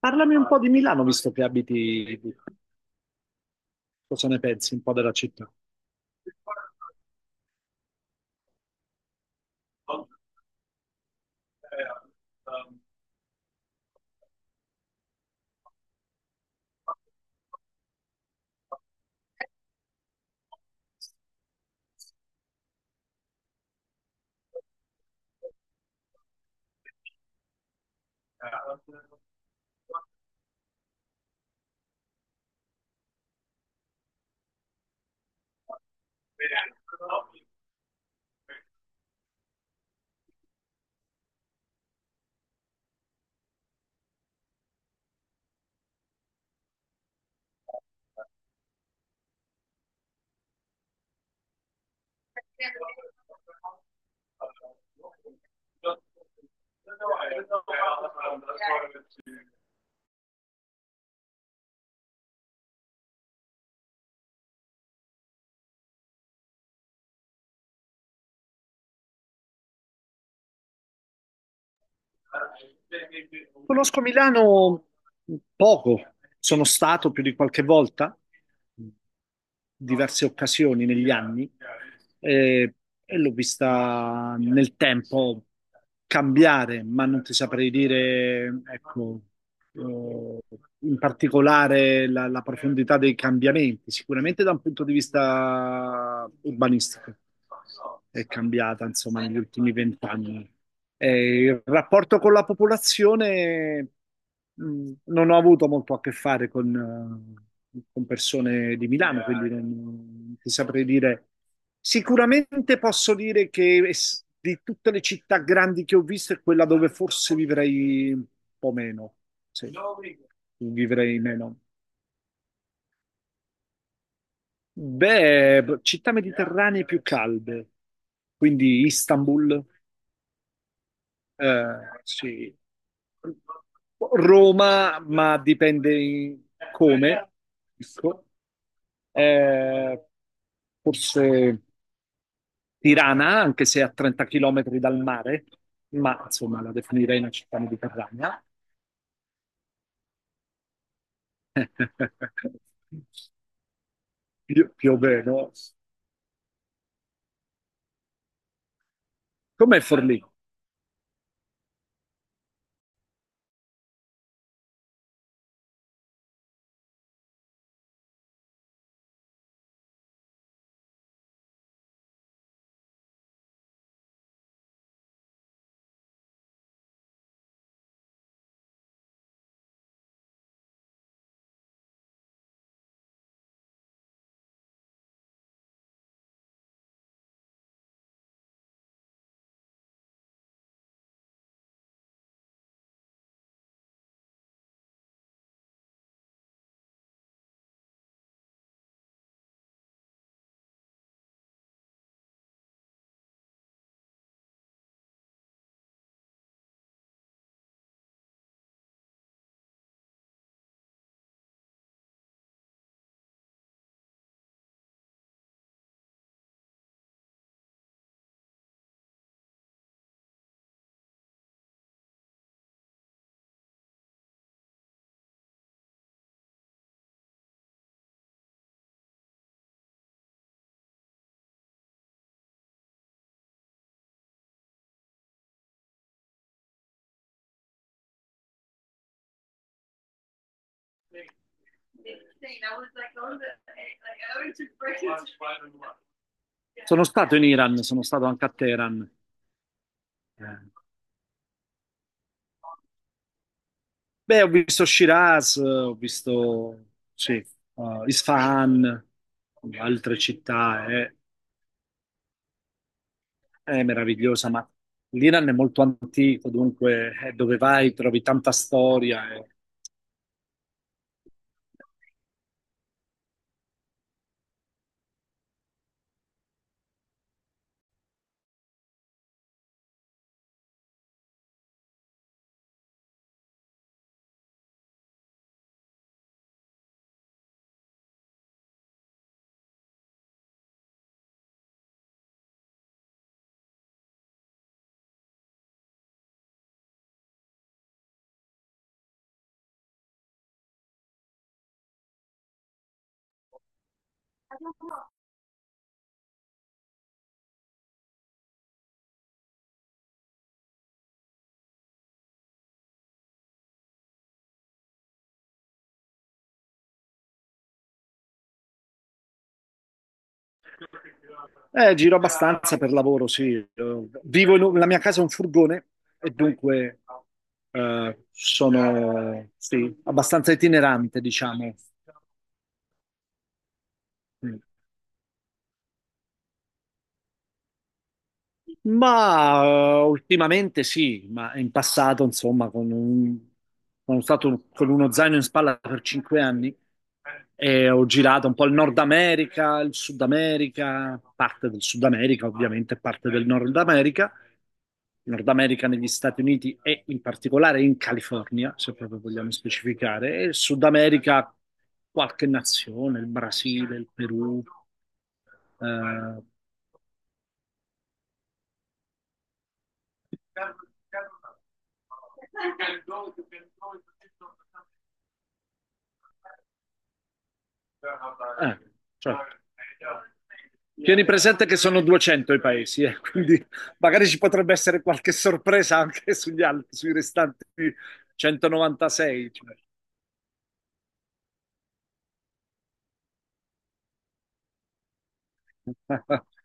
Parlami un po' di Milano, visto che abiti lì. Cosa ne pensi un po' della città? Conosco Milano poco, sono stato più di qualche volta, diverse occasioni negli anni, eh, e l'ho vista nel tempo cambiare, ma non ti saprei dire, ecco, eh, in particolare la profondità dei cambiamenti, sicuramente da un punto di vista urbanistico è cambiata, insomma, negli ultimi vent'anni. Il rapporto con la popolazione, non ho avuto molto a che fare con persone di Milano, quindi non ti saprei dire. Sicuramente posso dire che di tutte le città grandi che ho visto è quella dove forse vivrei un po' meno. Sì, vivrei meno. Beh, città mediterranee più calde, quindi Istanbul. Sì. Roma, ma come. Ecco. Eh, Forse Tirana, anche se a 30 km dal mare, ma insomma la definirei una città mediterranea. Più, più o meno. Com'è Forlì? Sono stato in Iran, sono stato anche a Teheran. Eh, Beh, ho visto Shiraz, ho visto sì, Isfahan, altre città, è meravigliosa, ma l'Iran è molto antico, dunque dove vai trovi tanta storia. Giro abbastanza per lavoro, sì. Vivo in la mia casa è un furgone e dunque sono sì, abbastanza itinerante, diciamo. Mm. Ma ultimamente sì, ma in passato, insomma, sono stato con uno zaino in spalla per cinque anni e ho girato un po' il Nord America, il Sud America, parte del Sud America, ovviamente parte del Nord America, Nord America negli Stati Uniti e in particolare in California, se proprio vogliamo specificare, e il Sud America qualche nazione, il Brasile, il Perù, eh, eh, certo. Tieni presente che sono 200 i paesi, quindi magari ci potrebbe essere qualche sorpresa anche sugli altri, sui restanti 196. Cioè.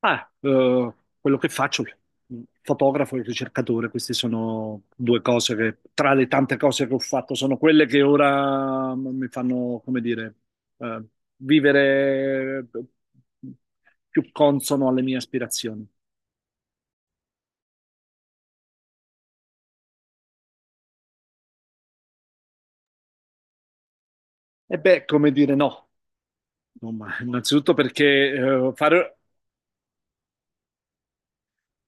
Ah, eh, Quello che faccio, fotografo e ricercatore, queste sono due cose che tra le tante cose che ho fatto sono quelle che ora mi fanno, come dire, eh, vivere più consono alle mie aspirazioni. E beh, come dire, no. Insomma, innanzitutto perché fare,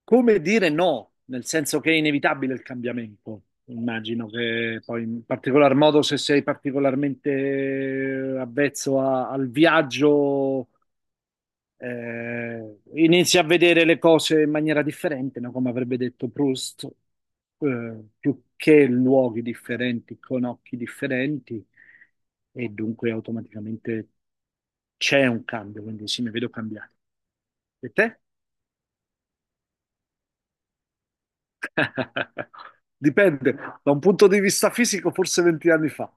come dire no, nel senso che è inevitabile il cambiamento. Immagino che poi, in particolar modo, se sei particolarmente avvezzo al viaggio, inizi a vedere le cose in maniera differente, no? Come avrebbe detto Proust, più che luoghi differenti, con occhi differenti, e dunque automaticamente c'è un cambio, quindi sì, mi vedo cambiato. E te? Dipende, da un punto di vista fisico forse 20 anni fa,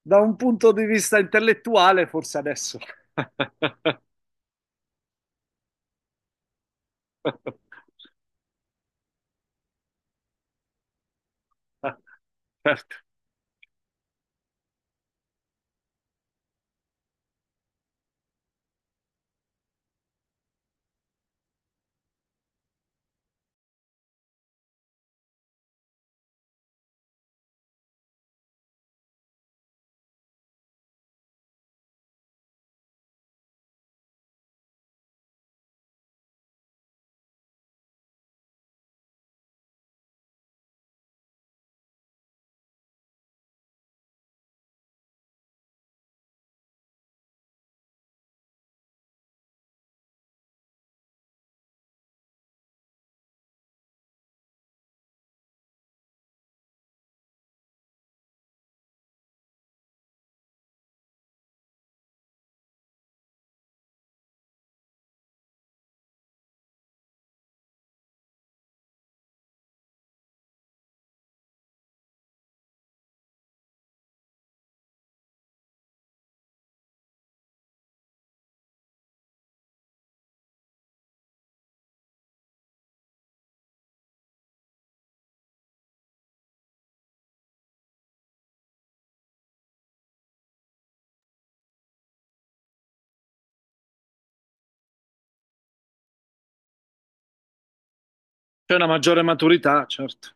da un punto di vista intellettuale forse adesso. Certo, c'è una maggiore maturità, certo.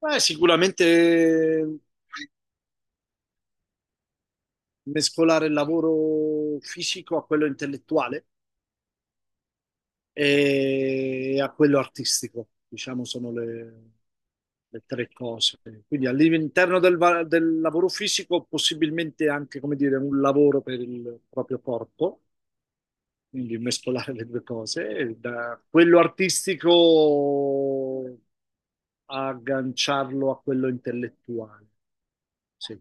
Beh, sicuramente mescolare il lavoro fisico a quello intellettuale. E a quello artistico, diciamo, sono le tre cose. Quindi all'interno del, del lavoro fisico, possibilmente anche, come dire, un lavoro per il proprio corpo, quindi mescolare le due cose. E da quello artistico agganciarlo a quello intellettuale. Sì.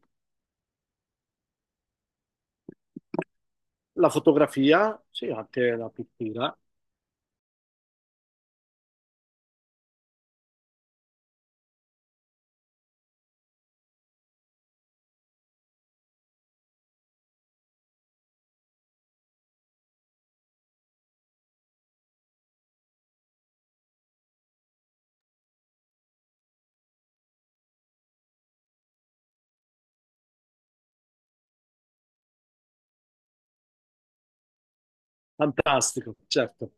La fotografia, sì, anche la pittura. Fantastico, certo.